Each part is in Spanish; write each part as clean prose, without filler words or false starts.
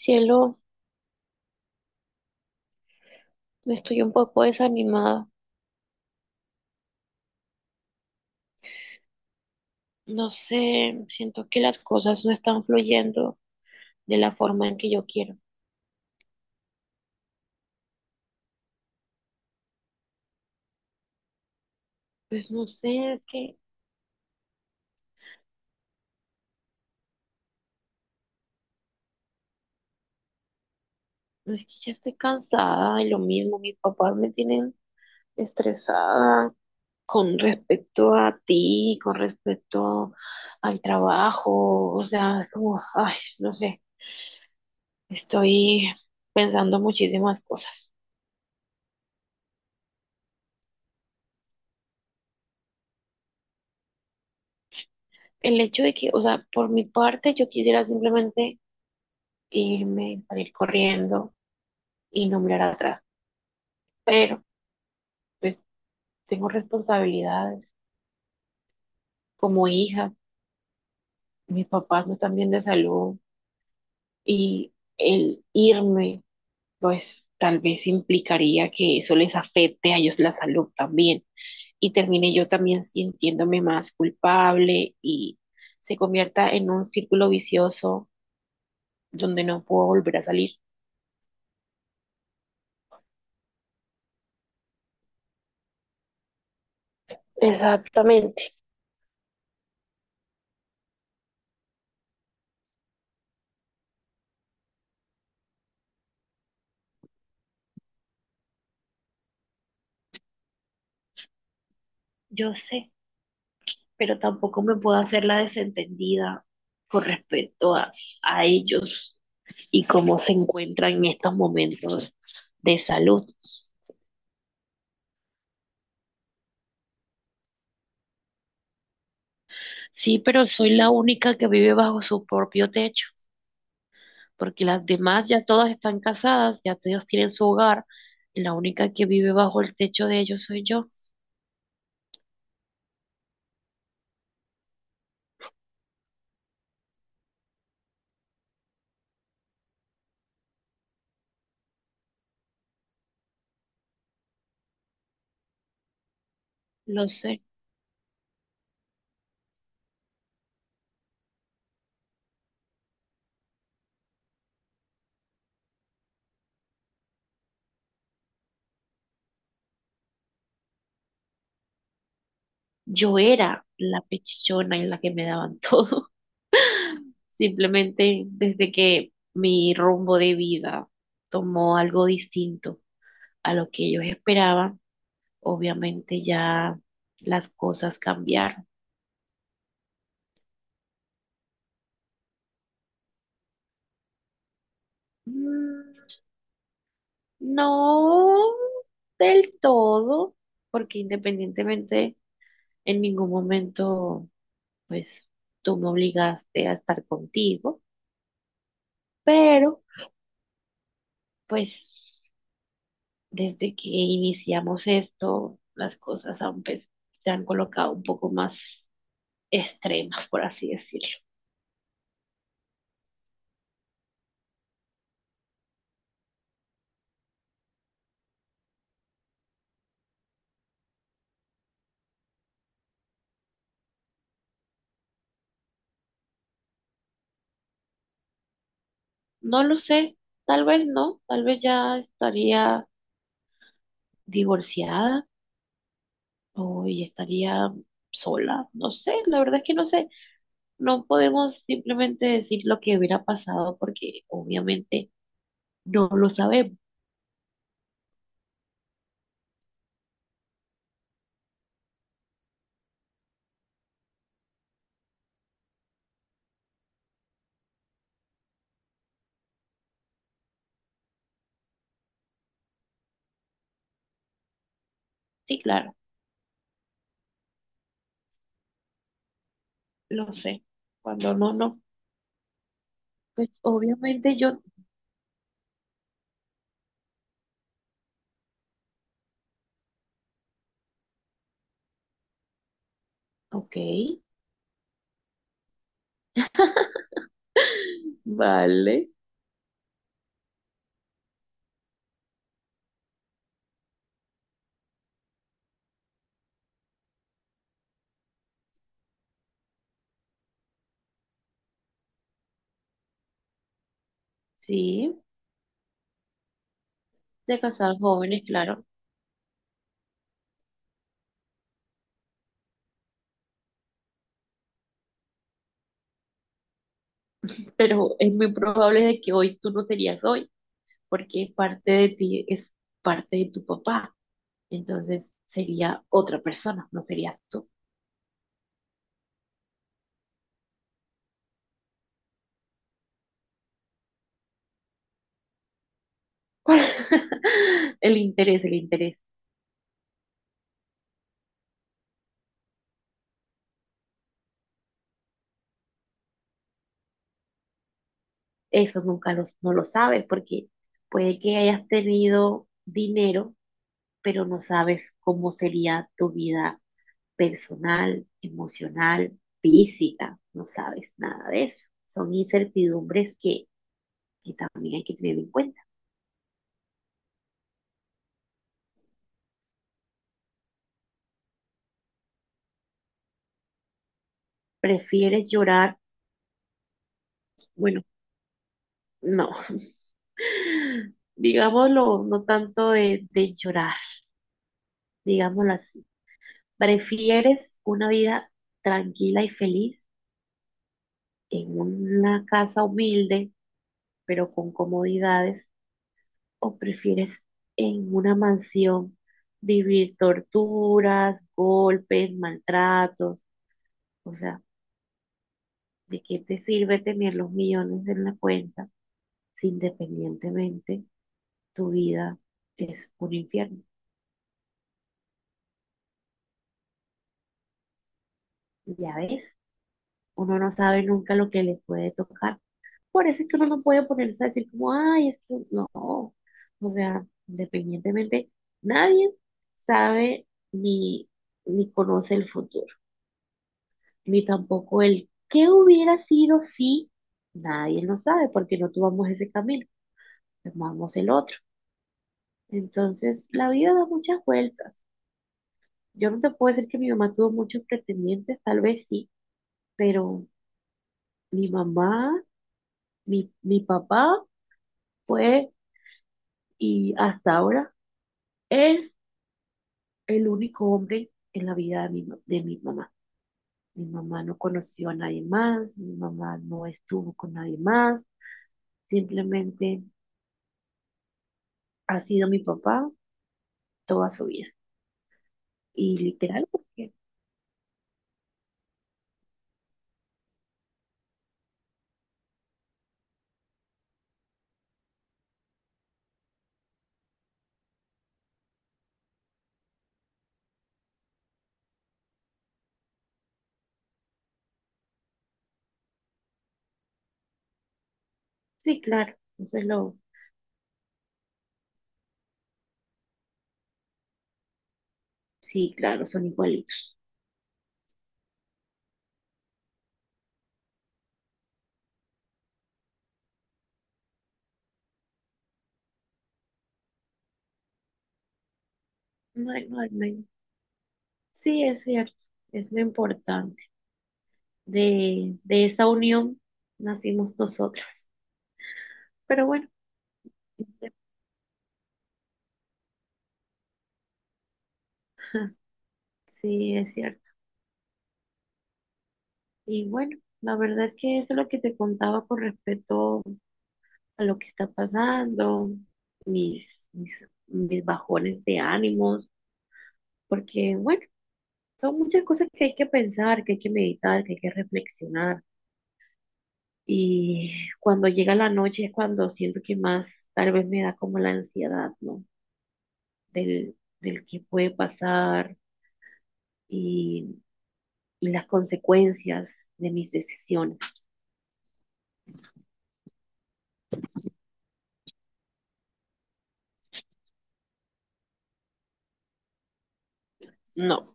Cielo, estoy un poco desanimada. No sé, siento que las cosas no están fluyendo de la forma en que yo quiero. Pues no sé, es que, no es que ya estoy cansada y lo mismo. Mis papás me tienen estresada con respecto a ti, con respecto al trabajo. O sea, es como, ay, no sé, estoy pensando muchísimas cosas. El hecho de que, o sea, por mi parte, yo quisiera simplemente irme, salir corriendo y no mirar atrás. Pero pues tengo responsabilidades como hija, mis papás no están bien de salud y el irme pues tal vez implicaría que eso les afecte a ellos la salud también y termine yo también sintiéndome más culpable y se convierta en un círculo vicioso donde no puedo volver a salir. Exactamente, yo sé, pero tampoco me puedo hacer la desentendida con respecto a ellos y cómo se encuentran en estos momentos de salud. Sí, pero soy la única que vive bajo su propio techo, porque las demás ya todas están casadas, ya todas tienen su hogar, y la única que vive bajo el techo de ellos soy yo, lo sé. Yo era la pechichona en la que me daban todo, simplemente desde que mi rumbo de vida tomó algo distinto a lo que ellos esperaban, obviamente ya las cosas cambiaron. Mm, No del todo, porque independientemente en ningún momento, pues tú me obligaste a estar contigo, pero pues desde que iniciamos esto, las cosas han, pues, se han colocado un poco más extremas, por así decirlo. No lo sé, tal vez no, tal vez ya estaría divorciada o y estaría sola, no sé, la verdad es que no sé, no podemos simplemente decir lo que hubiera pasado porque obviamente no lo sabemos. Sí, claro, lo sé. Cuando no, no, pues obviamente yo, ok, vale, sí, se casaron jóvenes, claro, pero es muy probable de que hoy tú no serías hoy porque parte de ti es parte de tu papá, entonces sería otra persona, no serías tú. El interés, el interés. Eso nunca los, no lo sabes porque puede que hayas tenido dinero, pero no sabes cómo sería tu vida personal, emocional, física. No sabes nada de eso. Son incertidumbres que también hay que tener en cuenta. ¿Prefieres llorar? Bueno, no. Digámoslo, no tanto de llorar, digámoslo así. ¿Prefieres una vida tranquila y feliz en una casa humilde, pero con comodidades? ¿O prefieres en una mansión vivir torturas, golpes, maltratos? O sea, ¿de qué te sirve tener los millones en la cuenta si independientemente tu vida es un infierno? Ya ves, uno no sabe nunca lo que le puede tocar. Por eso es que uno no puede ponerse a decir como, ay, es que no. O sea, independientemente, nadie sabe ni, ni conoce el futuro, ni tampoco el qué hubiera sido si nadie lo sabe, porque no tomamos ese camino, tomamos el otro. Entonces, la vida da muchas vueltas. Yo no te puedo decir que mi mamá tuvo muchos pretendientes, tal vez sí, pero mi mamá, mi papá fue, y hasta ahora es el único hombre en la vida de de mi mamá. Mi mamá no conoció a nadie más, mi mamá no estuvo con nadie más, simplemente ha sido mi papá toda su vida. Y literal, porque sí, claro, entonces lo, sí, claro, son igualitos. No hay- no hay- no Sí, es cierto, es lo importante. De esa unión nacimos nosotras. Pero bueno, sí, es cierto. Y bueno, la verdad es que eso es lo que te contaba con respecto a lo que está pasando, mis bajones de ánimos, porque bueno, son muchas cosas que hay que pensar, que hay que meditar, que hay que reflexionar. Y cuando llega la noche es cuando siento que más tal vez me da como la ansiedad, ¿no? Del, Del que puede pasar y, y las consecuencias de mis decisiones. No,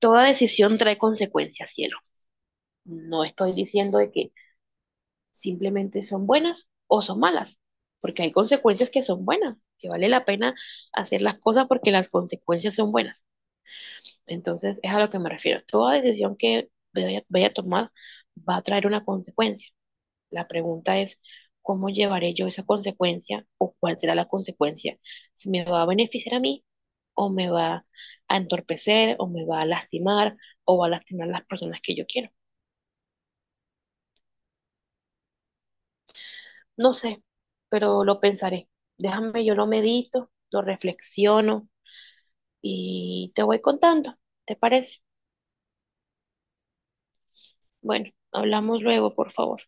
toda decisión trae consecuencias, cielo. No estoy diciendo de que simplemente son buenas o son malas, porque hay consecuencias que son buenas, que vale la pena hacer las cosas porque las consecuencias son buenas. Entonces, es a lo que me refiero. Toda decisión que vaya a tomar va a traer una consecuencia. La pregunta es, ¿cómo llevaré yo esa consecuencia o cuál será la consecuencia? Si me va a beneficiar a mí o me va a entorpecer o me va a lastimar o va a lastimar a las personas que yo quiero. No sé, pero lo pensaré. Déjame, yo lo medito, lo reflexiono y te voy contando. ¿Te parece? Bueno, hablamos luego, por favor.